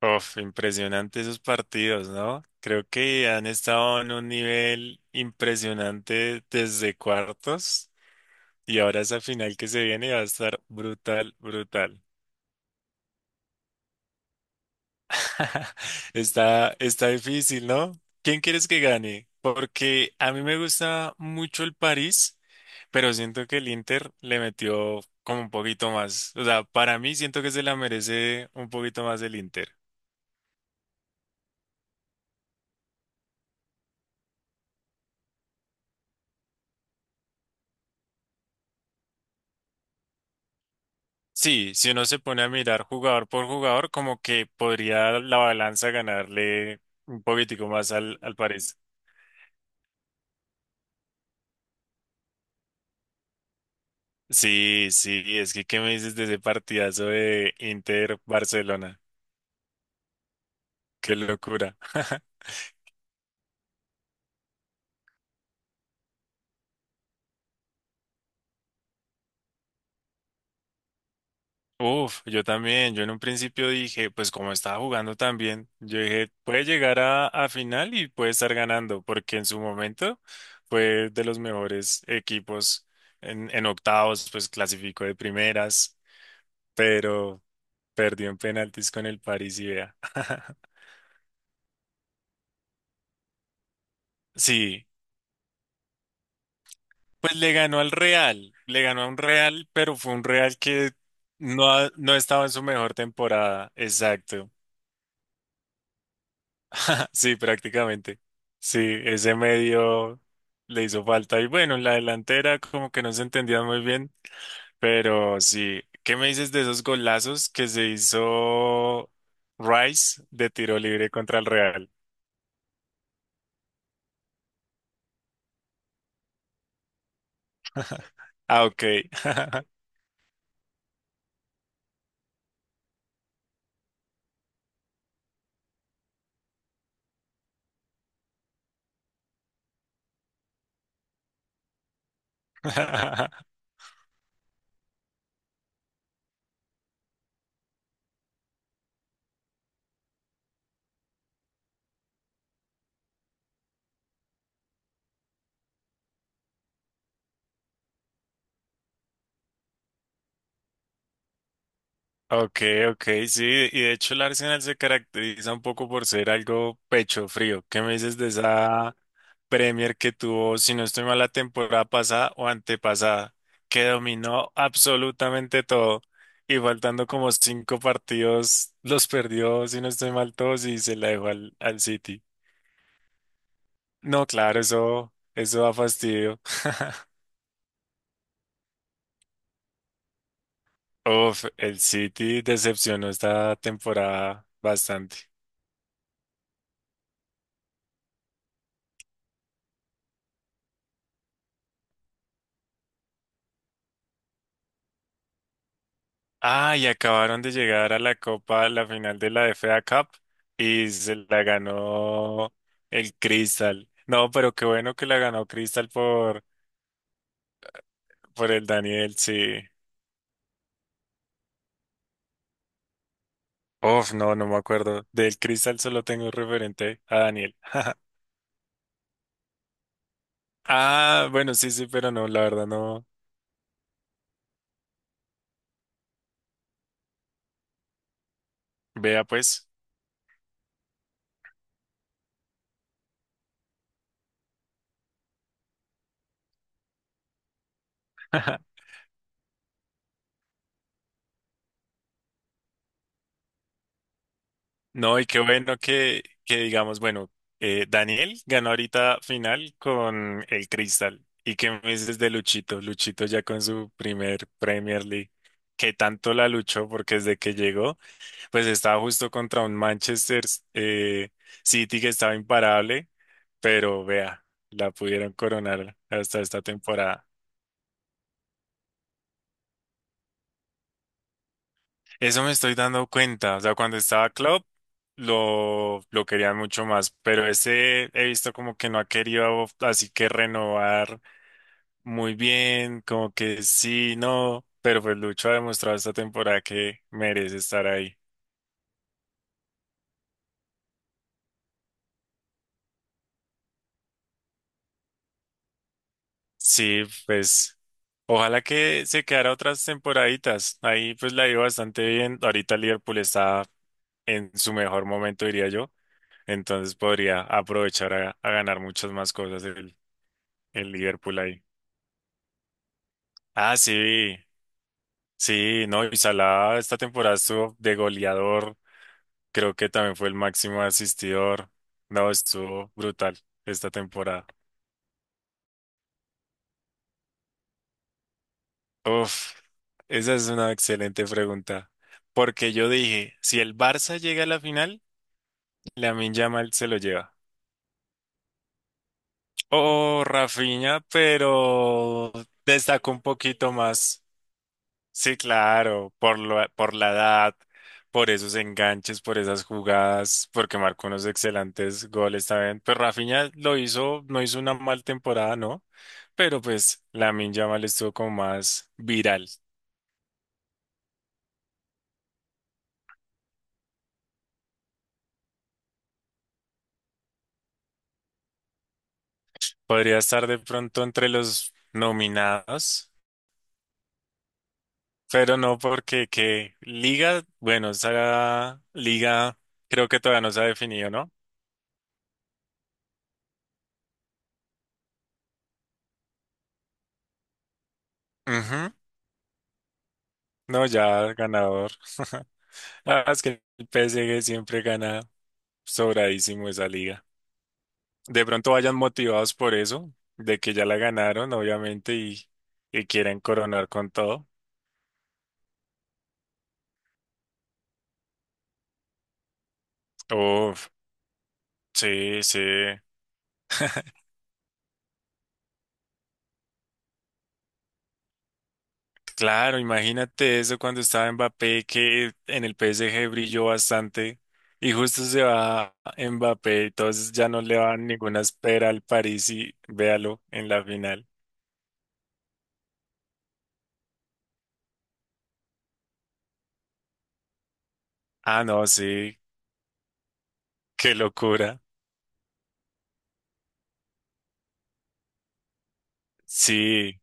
Uf, impresionante esos partidos, ¿no? Creo que han estado en un nivel impresionante desde cuartos y ahora esa final que se viene va a estar brutal, brutal. Está difícil, ¿no? ¿Quién quieres que gane? Porque a mí me gusta mucho el París, pero siento que el Inter le metió como un poquito más. O sea, para mí siento que se la merece un poquito más el Inter. Sí, si uno se pone a mirar jugador por jugador, como que podría la balanza ganarle un poquitico más al, al París. Sí, sí, es que ¿qué me dices de ese partidazo de Inter-Barcelona? Qué locura. Uf, yo también, yo en un principio dije, pues como estaba jugando tan bien, yo dije, puede llegar a final y puede estar ganando, porque en su momento fue de los mejores equipos en octavos, pues clasificó de primeras. Perdió en penaltis con el París y vea. Sí, pues le ganó al Real, le ganó a un Real, pero fue un Real que no, no estaba en su mejor temporada. Exacto. Sí, prácticamente. Sí, ese medio le hizo falta. Y bueno, en la delantera como que no se entendían muy bien, pero sí. ¿Qué me dices de esos golazos que se hizo Rice de tiro libre contra el Real? Ah, ok. Ok, ok, sí, y de hecho el Arsenal se caracteriza un poco por ser algo pecho frío. ¿Qué me dices de esa Premier que tuvo, si no estoy mal, la temporada pasada o antepasada, que dominó absolutamente todo y faltando como cinco partidos los perdió, si no estoy mal, todos y se la dejó al, al City? No, claro, eso da fastidio. Uf, el City decepcionó esta temporada bastante. Ah, y acabaron de llegar a la Copa, la final de la FA Cup y se la ganó el Crystal. No, pero qué bueno que la ganó Crystal por el Daniel, sí. Uf, no, no me acuerdo. Del Crystal solo tengo referente a Daniel. Ah, bueno, sí, sí, pero no, la verdad no. Vea pues. No, y qué bueno que digamos, bueno, Daniel ganó ahorita final con el Crystal. ¿Y qué me dices de Luchito? Luchito ya con su primer Premier League, que tanto la luchó porque desde que llegó, pues estaba justo contra un Manchester eh, City que estaba imparable, pero vea, la pudieron coronar hasta esta temporada. Eso me estoy dando cuenta. O sea, cuando estaba Club, lo querían mucho más. Pero ese he visto como que no ha querido así que renovar muy bien, como que sí, no. Pero pues Lucho ha demostrado esta temporada que merece estar ahí. Sí, pues ojalá que se quedara otras temporaditas. Ahí pues la iba bastante bien. Ahorita Liverpool está en su mejor momento, diría yo. Entonces podría aprovechar a ganar muchas más cosas el Liverpool ahí. Ah, sí, sí, no, y Salah esta temporada estuvo de goleador, creo que también fue el máximo asistidor, no, estuvo brutal esta temporada. Uf, esa es una excelente pregunta, porque yo dije, si el Barça llega a la final, Lamine Yamal se lo lleva. Oh, Rafinha, pero destacó un poquito más. Sí, claro, por la edad, por esos enganches, por esas jugadas, porque marcó unos excelentes goles también. Pues Rafinha lo hizo, no hizo una mal temporada, ¿no? Pero pues Lamine Yamal estuvo como más viral. Podría estar de pronto entre los nominados, pero no porque que Liga, bueno, esa Liga creo que todavía no se ha definido, ¿no? Ujú. No, ya ganador. La es que el PSG siempre gana. Sobradísimo esa liga. De pronto vayan motivados por eso, de que ya la ganaron, obviamente, y quieren coronar con todo. Uf, sí, sí. Claro, imagínate eso cuando estaba Mbappé, que en el PSG brilló bastante, y justo se va Mbappé, entonces ya no le van ninguna espera al París y véalo en la final. Ah, no, sí, qué locura. Sí,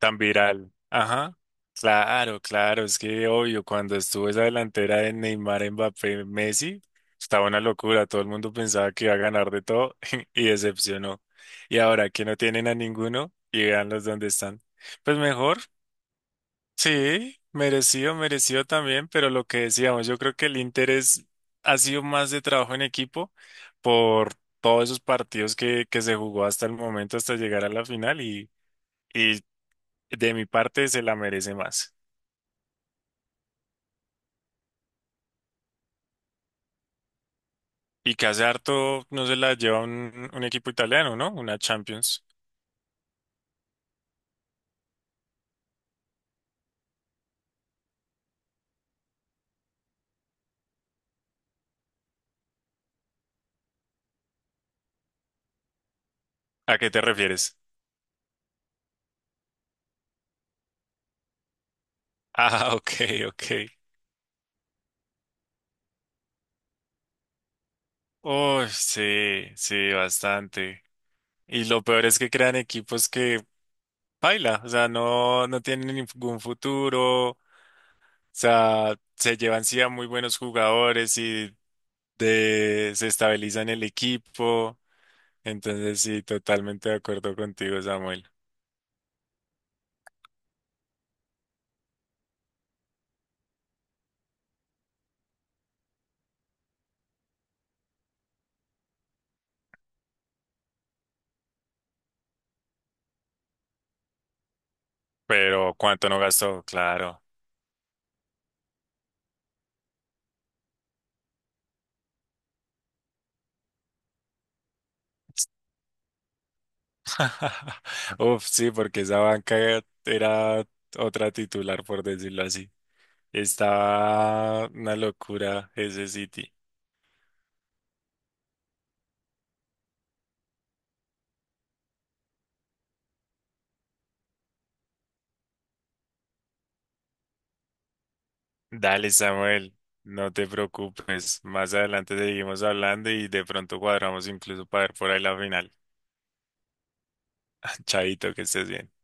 tan viral. Ajá. Claro, claro, es que obvio, cuando estuvo esa delantera de Neymar, Mbappé, Messi, estaba una locura, todo el mundo pensaba que iba a ganar de todo y decepcionó. Y ahora que no tienen a ninguno y los donde están, pues mejor, sí, merecido, merecido también, pero lo que decíamos, yo creo que el Inter ha sido más de trabajo en equipo por todos esos partidos que se jugó hasta el momento, hasta llegar a la final y de mi parte se la merece más. Y que hace harto no se la lleva un equipo italiano, ¿no? Una Champions. ¿A qué te refieres? Ah, ok, ok. Oh, sí, sí, bastante. Y lo peor es que crean equipos que baila, o sea, no, no tienen ningún futuro, o sea, se llevan sí a muy buenos jugadores y de, se estabilizan el equipo. Entonces, sí, totalmente de acuerdo contigo, Samuel. Pero ¿cuánto no gastó? Claro. Uf, sí, porque esa banca era otra titular, por decirlo así. Estaba una locura ese City. Dale, Samuel, no te preocupes. Más adelante seguimos hablando y de pronto cuadramos incluso para ver por ahí la final. Chaito, que estés bien.